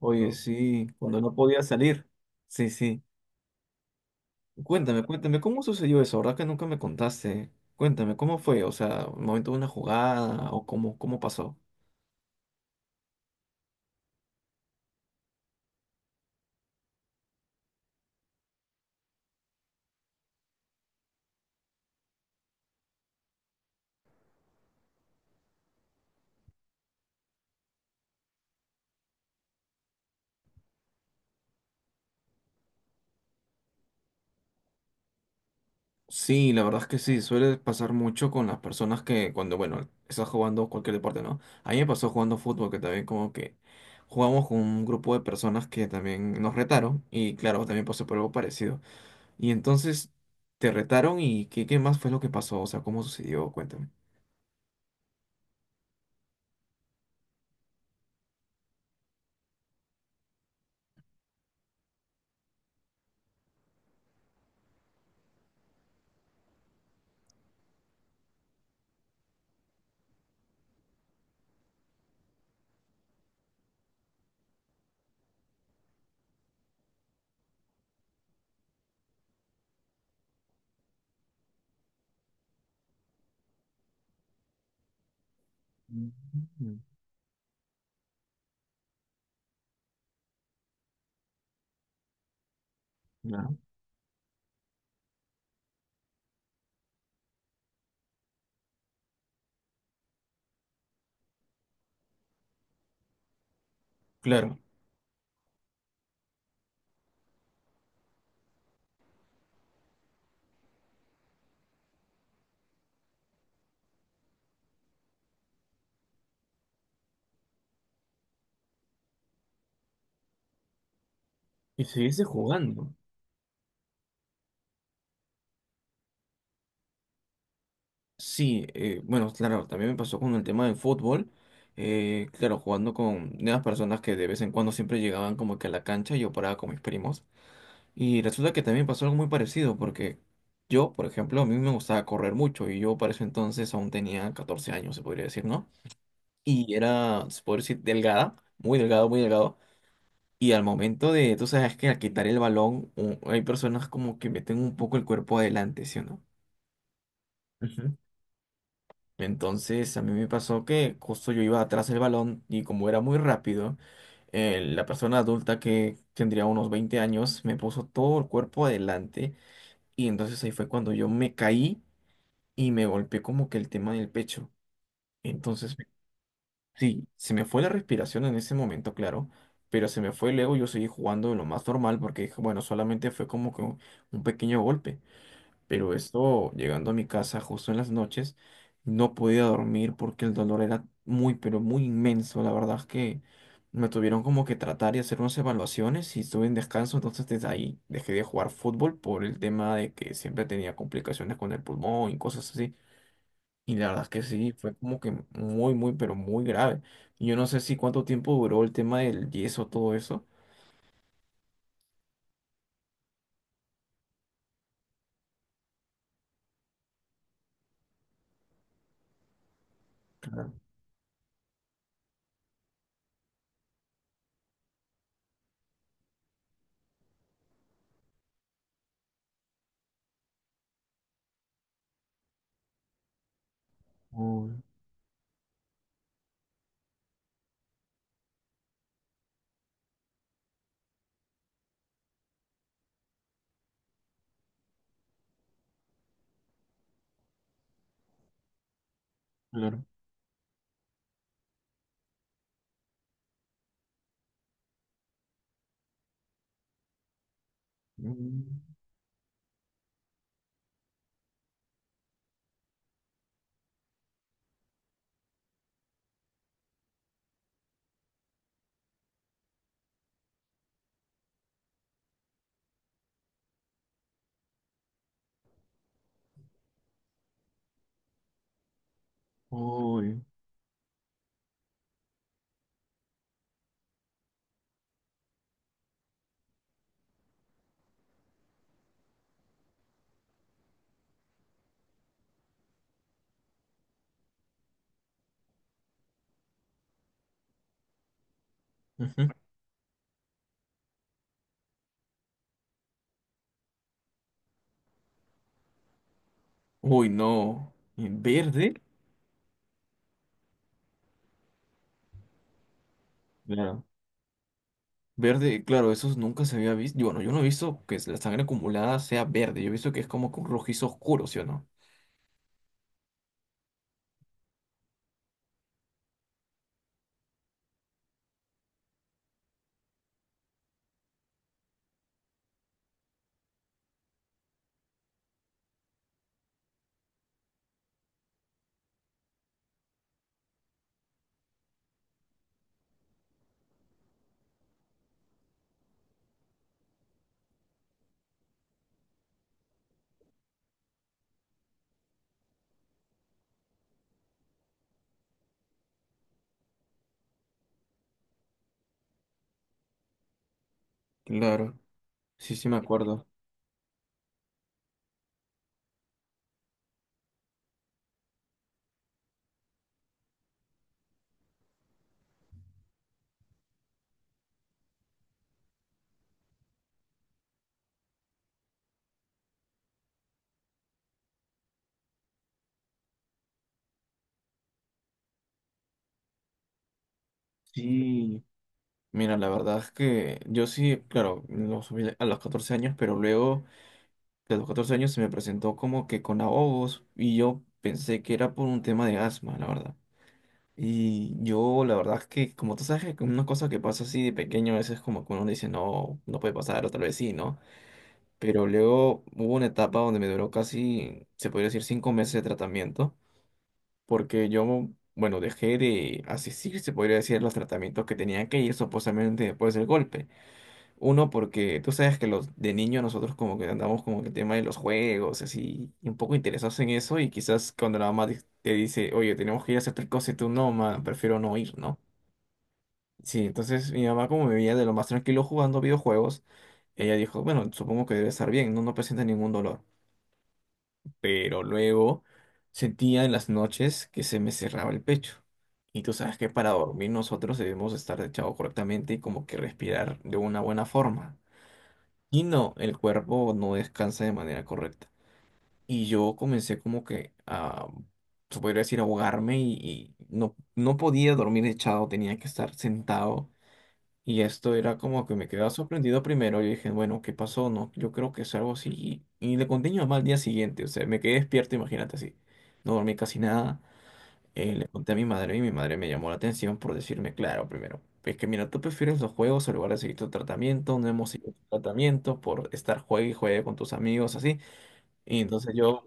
Oye, sí, cuando no podía salir. Sí, sí. Cuéntame, cuéntame, ¿cómo sucedió eso? ¿Verdad que nunca me contaste? Cuéntame, ¿cómo fue? O sea, ¿el momento de una jugada o cómo pasó? Sí, la verdad es que sí, suele pasar mucho con las personas que cuando, bueno, estás jugando cualquier deporte, ¿no? A mí me pasó jugando fútbol, que también como que jugamos con un grupo de personas que también nos retaron y claro, también pasó por algo parecido. Y entonces, ¿te retaron y qué más fue lo que pasó? O sea, ¿cómo sucedió? Cuéntame. Mm, ya. Claro, y seguirse jugando. Sí, bueno, claro, también me pasó con el tema del fútbol. Claro, jugando con nuevas personas que de vez en cuando siempre llegaban como que a la cancha y yo paraba con mis primos. Y resulta que también pasó algo muy parecido, porque yo, por ejemplo, a mí me gustaba correr mucho y yo para ese entonces aún tenía 14 años, se podría decir, ¿no? Y era, se podría decir, delgada, muy delgado, muy delgado. Y al momento de, tú sabes que al quitar el balón, hay personas como que meten un poco el cuerpo adelante, ¿sí o no? Ujú. Entonces a mí me pasó que justo yo iba atrás del balón y como era muy rápido, la persona adulta que tendría unos 20 años me puso todo el cuerpo adelante y entonces ahí fue cuando yo me caí y me golpeé como que el tema del pecho. Entonces, sí, se me fue la respiración en ese momento, claro, pero se me fue luego yo seguí jugando de lo más normal porque dije, bueno, solamente fue como que un pequeño golpe. Pero esto, llegando a mi casa justo en las noches, no podía dormir porque el dolor era muy, pero muy inmenso. La verdad es que me tuvieron como que tratar y hacer unas evaluaciones y estuve en descanso. Entonces desde ahí dejé de jugar fútbol por el tema de que siempre tenía complicaciones con el pulmón y cosas así. Y la verdad es que sí, fue como que muy, muy, pero muy grave. Y yo no sé si cuánto tiempo duró el tema del yeso, todo eso. Claro. Uy, claro. Mm, uy. Uy, no. ¿En ¿Verde? Claro. Verde, claro, eso nunca se había visto. Bueno, yo no he visto que la sangre acumulada sea verde. Yo he visto que es como que un rojizo oscuro, ¿sí o no? Claro. Sí, sí, me acuerdo. Sí. Mira, la verdad es que yo sí, claro, lo subí a los 14 años, pero luego de los 14 años se me presentó como que con ahogos y yo pensé que era por un tema de asma, la verdad. Y yo, la verdad es que, como tú sabes, que una cosa que pasa así de pequeño, a veces como que uno dice, no, no puede pasar, otra vez sí, ¿no? Pero luego hubo una etapa donde me duró casi, se podría decir, 5 meses de tratamiento, porque yo, bueno, dejé de asistir, se podría decir, a los tratamientos que tenía que ir supuestamente después del golpe. Uno, porque tú sabes que los de niño nosotros como que andamos como que el tema de los juegos, así, y un poco interesados en eso, y quizás cuando la mamá te dice, oye, tenemos que ir a hacer tal cosa, y tú no, ma, prefiero no ir, ¿no? Sí, entonces mi mamá como me veía de lo más tranquilo jugando videojuegos, ella dijo, bueno, supongo que debe estar bien, no, no presenta ningún dolor. Pero luego sentía en las noches que se me cerraba el pecho. Y tú sabes que para dormir nosotros debemos estar echados correctamente y como que respirar de una buena forma. Y no, el cuerpo no descansa de manera correcta. Y yo comencé como que a, se podría decir, ahogarme y no podía dormir echado, tenía que estar sentado y esto era como que me quedaba sorprendido primero. Yo dije, bueno, ¿qué pasó? No, yo creo que es algo así. Y le conté a mi mamá al día siguiente. O sea, me quedé despierto, imagínate así. No dormí casi nada. Le conté a mi madre y mi madre me llamó la atención por decirme, claro, primero, es que mira, tú prefieres los juegos en lugar de seguir tu tratamiento. No hemos seguido tu tratamiento por estar juegue y juegue con tus amigos, así. Y entonces yo,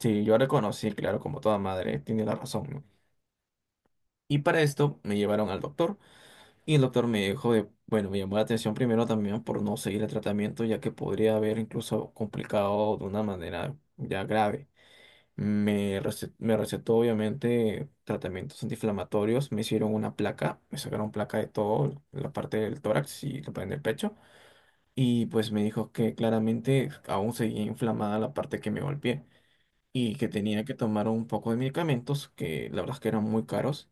sí, yo reconocí, claro, como toda madre, tiene la razón, ¿no? Y para esto me llevaron al doctor. Y el doctor me dijo de, bueno, me llamó la atención primero también por no seguir el tratamiento, ya que podría haber incluso complicado de una manera ya grave. Me recetó obviamente tratamientos antiinflamatorios, me hicieron una placa, me sacaron placa de todo, la parte del tórax y la parte del pecho, y pues me dijo que claramente aún seguía inflamada la parte que me golpeé y que tenía que tomar un poco de medicamentos que la verdad es que eran muy caros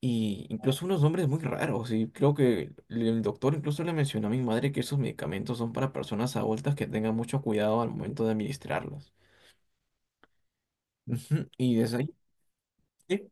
y incluso unos nombres muy raros. Y creo que el doctor incluso le mencionó a mi madre que esos medicamentos son para personas adultas que tengan mucho cuidado al momento de administrarlos. Ujú. Y desde ahí, sí.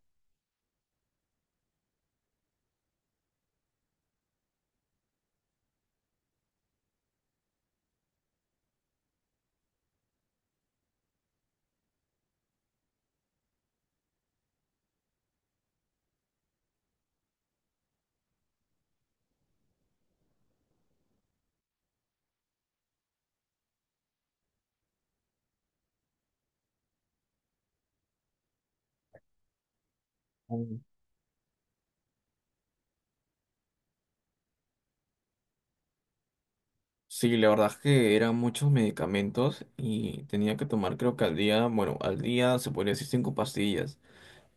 Mm. Sí, la verdad es que eran muchos medicamentos y tenía que tomar creo que al día, bueno, al día se podría decir 5 pastillas.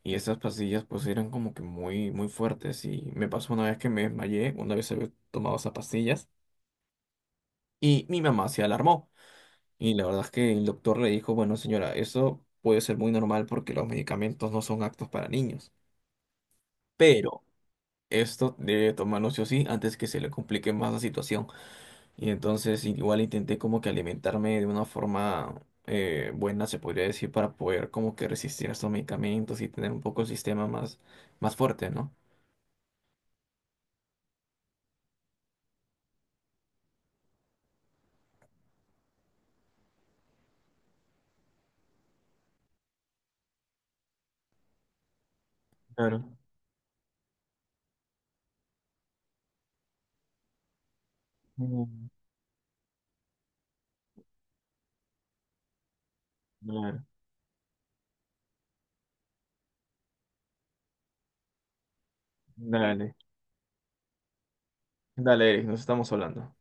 Y esas pastillas pues eran como que muy, muy fuertes. Y me pasó una vez que me desmayé, una vez había tomado esas pastillas. Y mi mamá se alarmó. Y la verdad es que el doctor le dijo, bueno, señora, eso puede ser muy normal porque los medicamentos no son aptos para niños, pero esto debe tomarlo sí o sí antes que se le complique más la situación. Y entonces igual intenté como que alimentarme de una forma buena, se podría decir, para poder como que resistir a estos medicamentos y tener un poco el sistema más, más fuerte, ¿no? Claro, Mm, claro. Dale, dale, Eric, nos estamos hablando.